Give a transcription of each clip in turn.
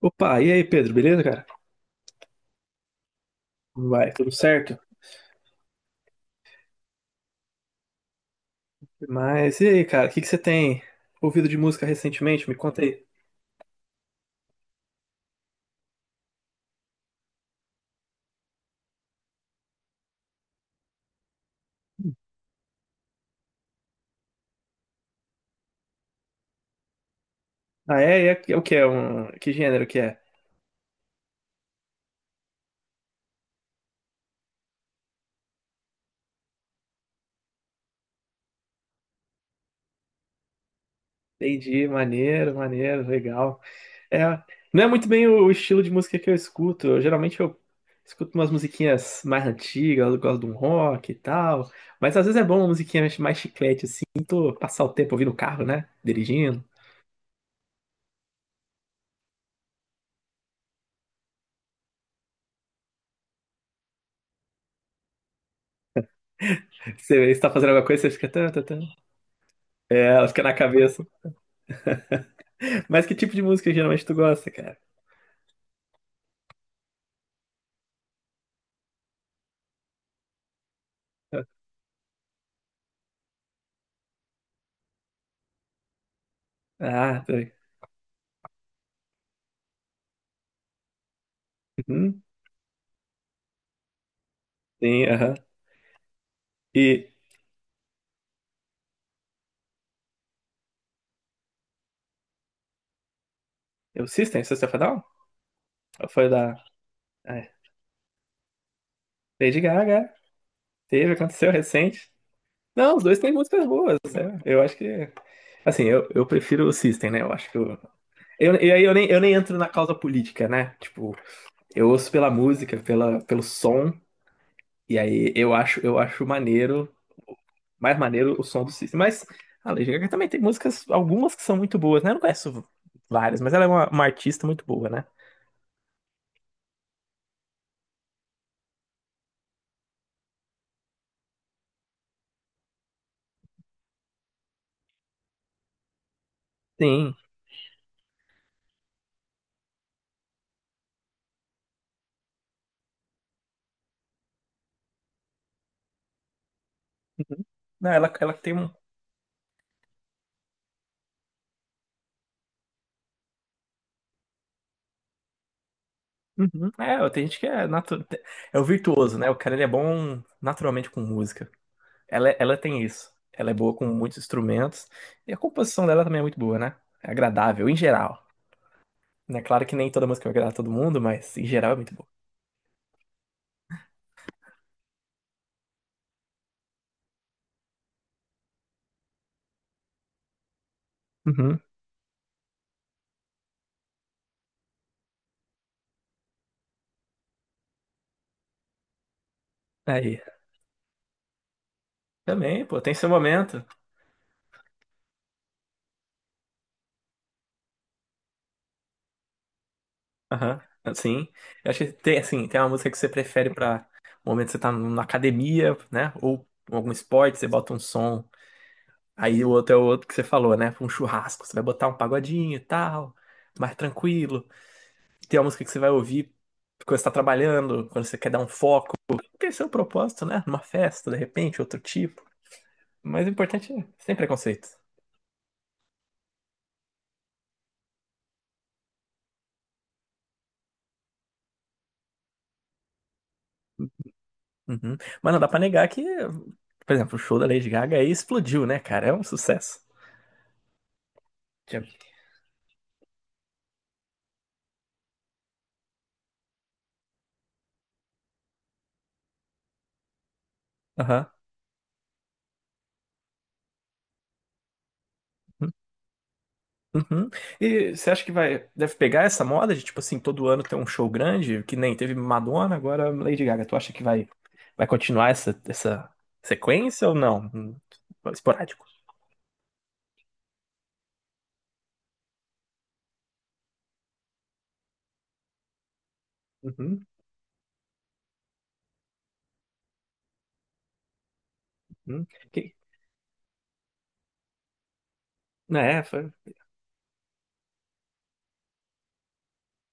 Opa, e aí, Pedro, beleza, cara? Como vai, tudo certo? Mas e aí, cara, o que que você tem ouvido de música recentemente? Me conta aí. Ah, é? É o que é? Que gênero que é? Entendi, maneiro, maneiro, legal. É, não é muito bem o estilo de música que eu escuto. Geralmente eu escuto umas musiquinhas mais antigas, eu gosto de um rock e tal. Mas às vezes é bom uma musiquinha mais chiclete, assim, tô passar o tempo ouvindo o carro, né? Dirigindo. Você está fazendo alguma coisa, você fica, tan, tan, tan. É, ela fica na cabeça. Mas que tipo de música geralmente tu gosta, cara? Ah, tá. Uhum, sim, aham. E o System of a Down? Ou foi da é, Lady Gaga? Teve, aconteceu recente. Não, os dois têm músicas boas, né? Eu acho que. Assim, eu prefiro o System, né? Eu acho que. E aí eu nem entro na causa política, né? Tipo, eu ouço pela música, pelo som, e aí eu acho maneiro mais maneiro o som do System. Mas a Lady Gaga também tem músicas, algumas que são muito boas, né? Eu não conheço várias, mas ela é uma artista muito boa, né? Sim. Uhum. Não, ela tem um. Uhum. É, tem gente que é o virtuoso, né? O cara ele é bom naturalmente com música. Ela tem isso. Ela é boa com muitos instrumentos. E a composição dela também é muito boa, né? É agradável, em geral. Né? Claro que nem toda música vai agradar todo mundo, mas em geral é muito boa. Uhum. Aí. Também, pô, tem seu momento. Aham, ah, sim. Eu acho que tem, assim, tem uma música que você prefere pra um momento que você tá na academia, né? Ou em algum esporte, você bota um som. Aí o outro é o outro que você falou, né? pra um churrasco, você vai botar um pagodinho e tal, mais tranquilo. Tem uma música que você vai ouvir quando você tá trabalhando, quando você quer dar um foco. Tem seu propósito, né? Numa festa, de repente, outro tipo. Mas o importante é sem preconceito. Uhum. Mas não dá pra negar que, por exemplo, o show da Lady Gaga aí explodiu, né, cara? É um sucesso. Tinha- Aham. Uhum. E você acha que deve pegar essa moda de, tipo assim, todo ano ter um show grande, que nem teve Madonna, agora Lady Gaga. Tu acha que vai continuar essa sequência ou não? Esporádico. Uhum. Uhum. Que, né, foi-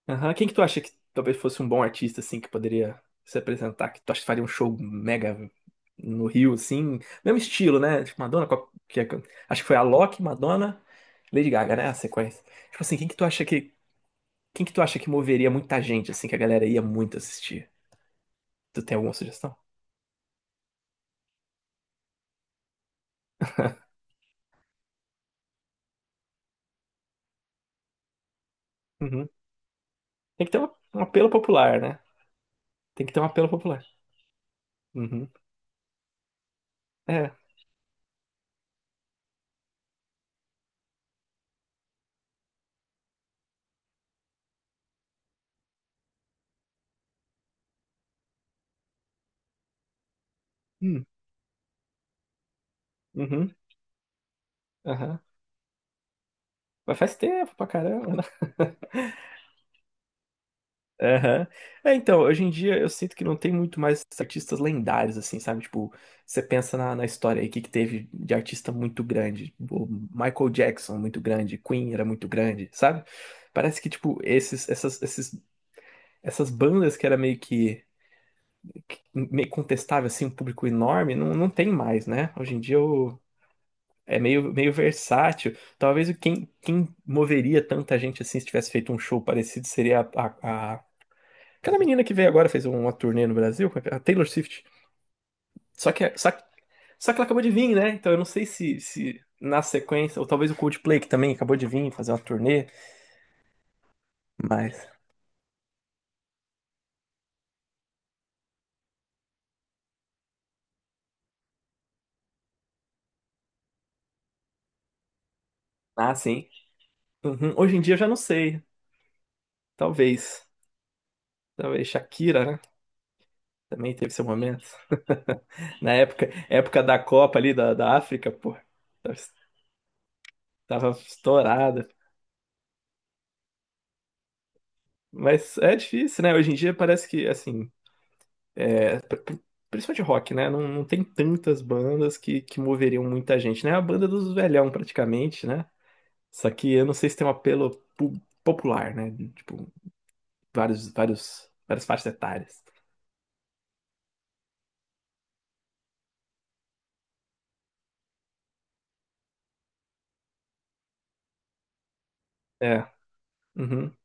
Aham. Quem que tu acha que talvez fosse um bom artista, assim, que poderia se apresentar? Que tu acha que faria um show mega no Rio, assim? Mesmo estilo, né? Tipo, Madonna, com a- que é- acho que foi a Alok, Madonna, Lady Gaga, né? A sequência. Tipo assim, quem que tu acha que Quem que tu acha que moveria muita gente, assim, que a galera ia muito assistir? Tu tem alguma sugestão? Uhum. Tem que ter um apelo popular, né? Tem que ter um apelo popular. Uhum. É. Hum. Uhum. Aham. Mas faz tempo pra caramba, né? Aham. É, então, hoje em dia eu sinto que não tem muito mais artistas lendários, assim, sabe? Tipo, você pensa na história aí, o que teve de artista muito grande? O Michael Jackson, muito grande. Queen era muito grande, sabe? Parece que, tipo, essas bandas que era meio que meio contestável, assim, um público enorme, não tem mais, né? Hoje em dia é meio versátil. Talvez quem moveria tanta gente assim se tivesse feito um show parecido seria aquela menina que veio agora, fez uma turnê no Brasil, a Taylor Swift. Só que, é, só que ela acabou de vir, né? Então eu não sei se na sequência, ou talvez o Coldplay, que também acabou de vir fazer uma turnê, mas. Ah, sim. Uhum. Hoje em dia eu já não sei. Talvez. Talvez Shakira, né? Também teve seu momento. Na época da Copa ali da África, pô, tava tava estourada. Mas é difícil, né? Hoje em dia parece que, assim, é, pr- pr- principalmente rock, né? Não, não tem tantas bandas que moveriam muita gente, né? É a banda dos velhão, praticamente, né? Só que eu não sei se tem um apelo pu- popular, né? Tipo, várias faixas etárias. É. Uhum,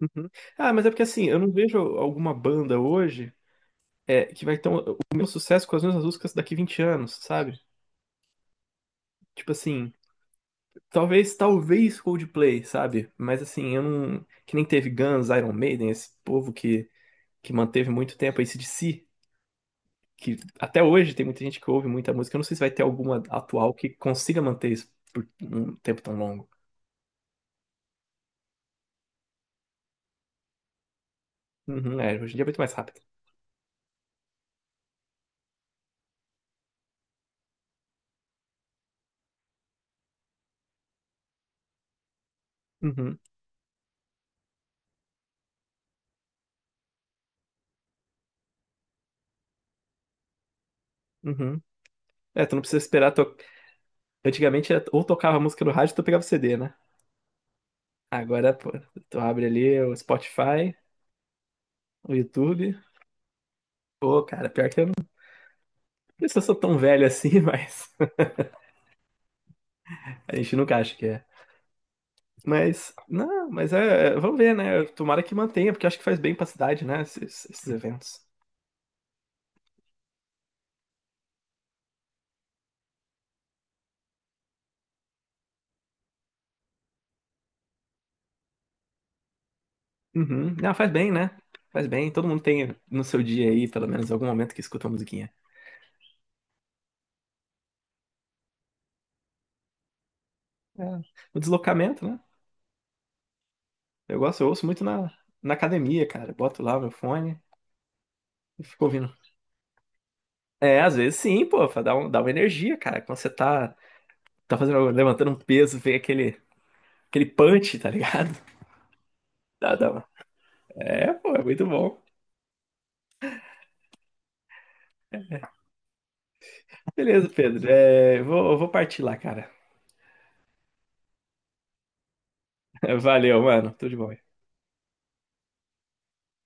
uhum. Ah, mas é porque assim, eu não vejo alguma banda hoje, que vai ter o meu sucesso com as mesmas músicas daqui 20 anos, sabe? Tipo assim, talvez Coldplay, sabe? Mas assim, eu não. Que nem teve Guns, Iron Maiden, esse povo que manteve muito tempo, AC/DC, que até hoje tem muita gente que ouve muita música. Eu não sei se vai ter alguma atual que consiga manter isso por um tempo tão longo. Uhum, é, hoje em dia é muito mais rápido. Uhum, uhum. É, tu não precisa esperar. Antigamente, ou tocava a música no rádio, tu pegava o CD, né? Agora, pô, tu abre ali o Spotify, o YouTube. Pô, cara, pior que eu não sei se eu sou tão velho assim, mas a gente nunca acha que é. Mas, não, mas é, vamos ver, né? Tomara que mantenha, porque eu acho que faz bem pra cidade, né? Esses eventos. Uhum. Não, faz bem, né? Faz bem. Todo mundo tem no seu dia aí, pelo menos, algum momento que escuta uma musiquinha. É. O deslocamento, né? Eu gosto, eu ouço muito na academia, cara. Boto lá o meu fone e fico ouvindo. É, às vezes sim, pô, dá uma energia, cara. Quando você levantando um peso, vem aquele punch, tá ligado? Dá, dá É, pô, é muito bom. Beleza, Pedro. É, eu vou partir lá, cara. Valeu, mano. Tudo de bom.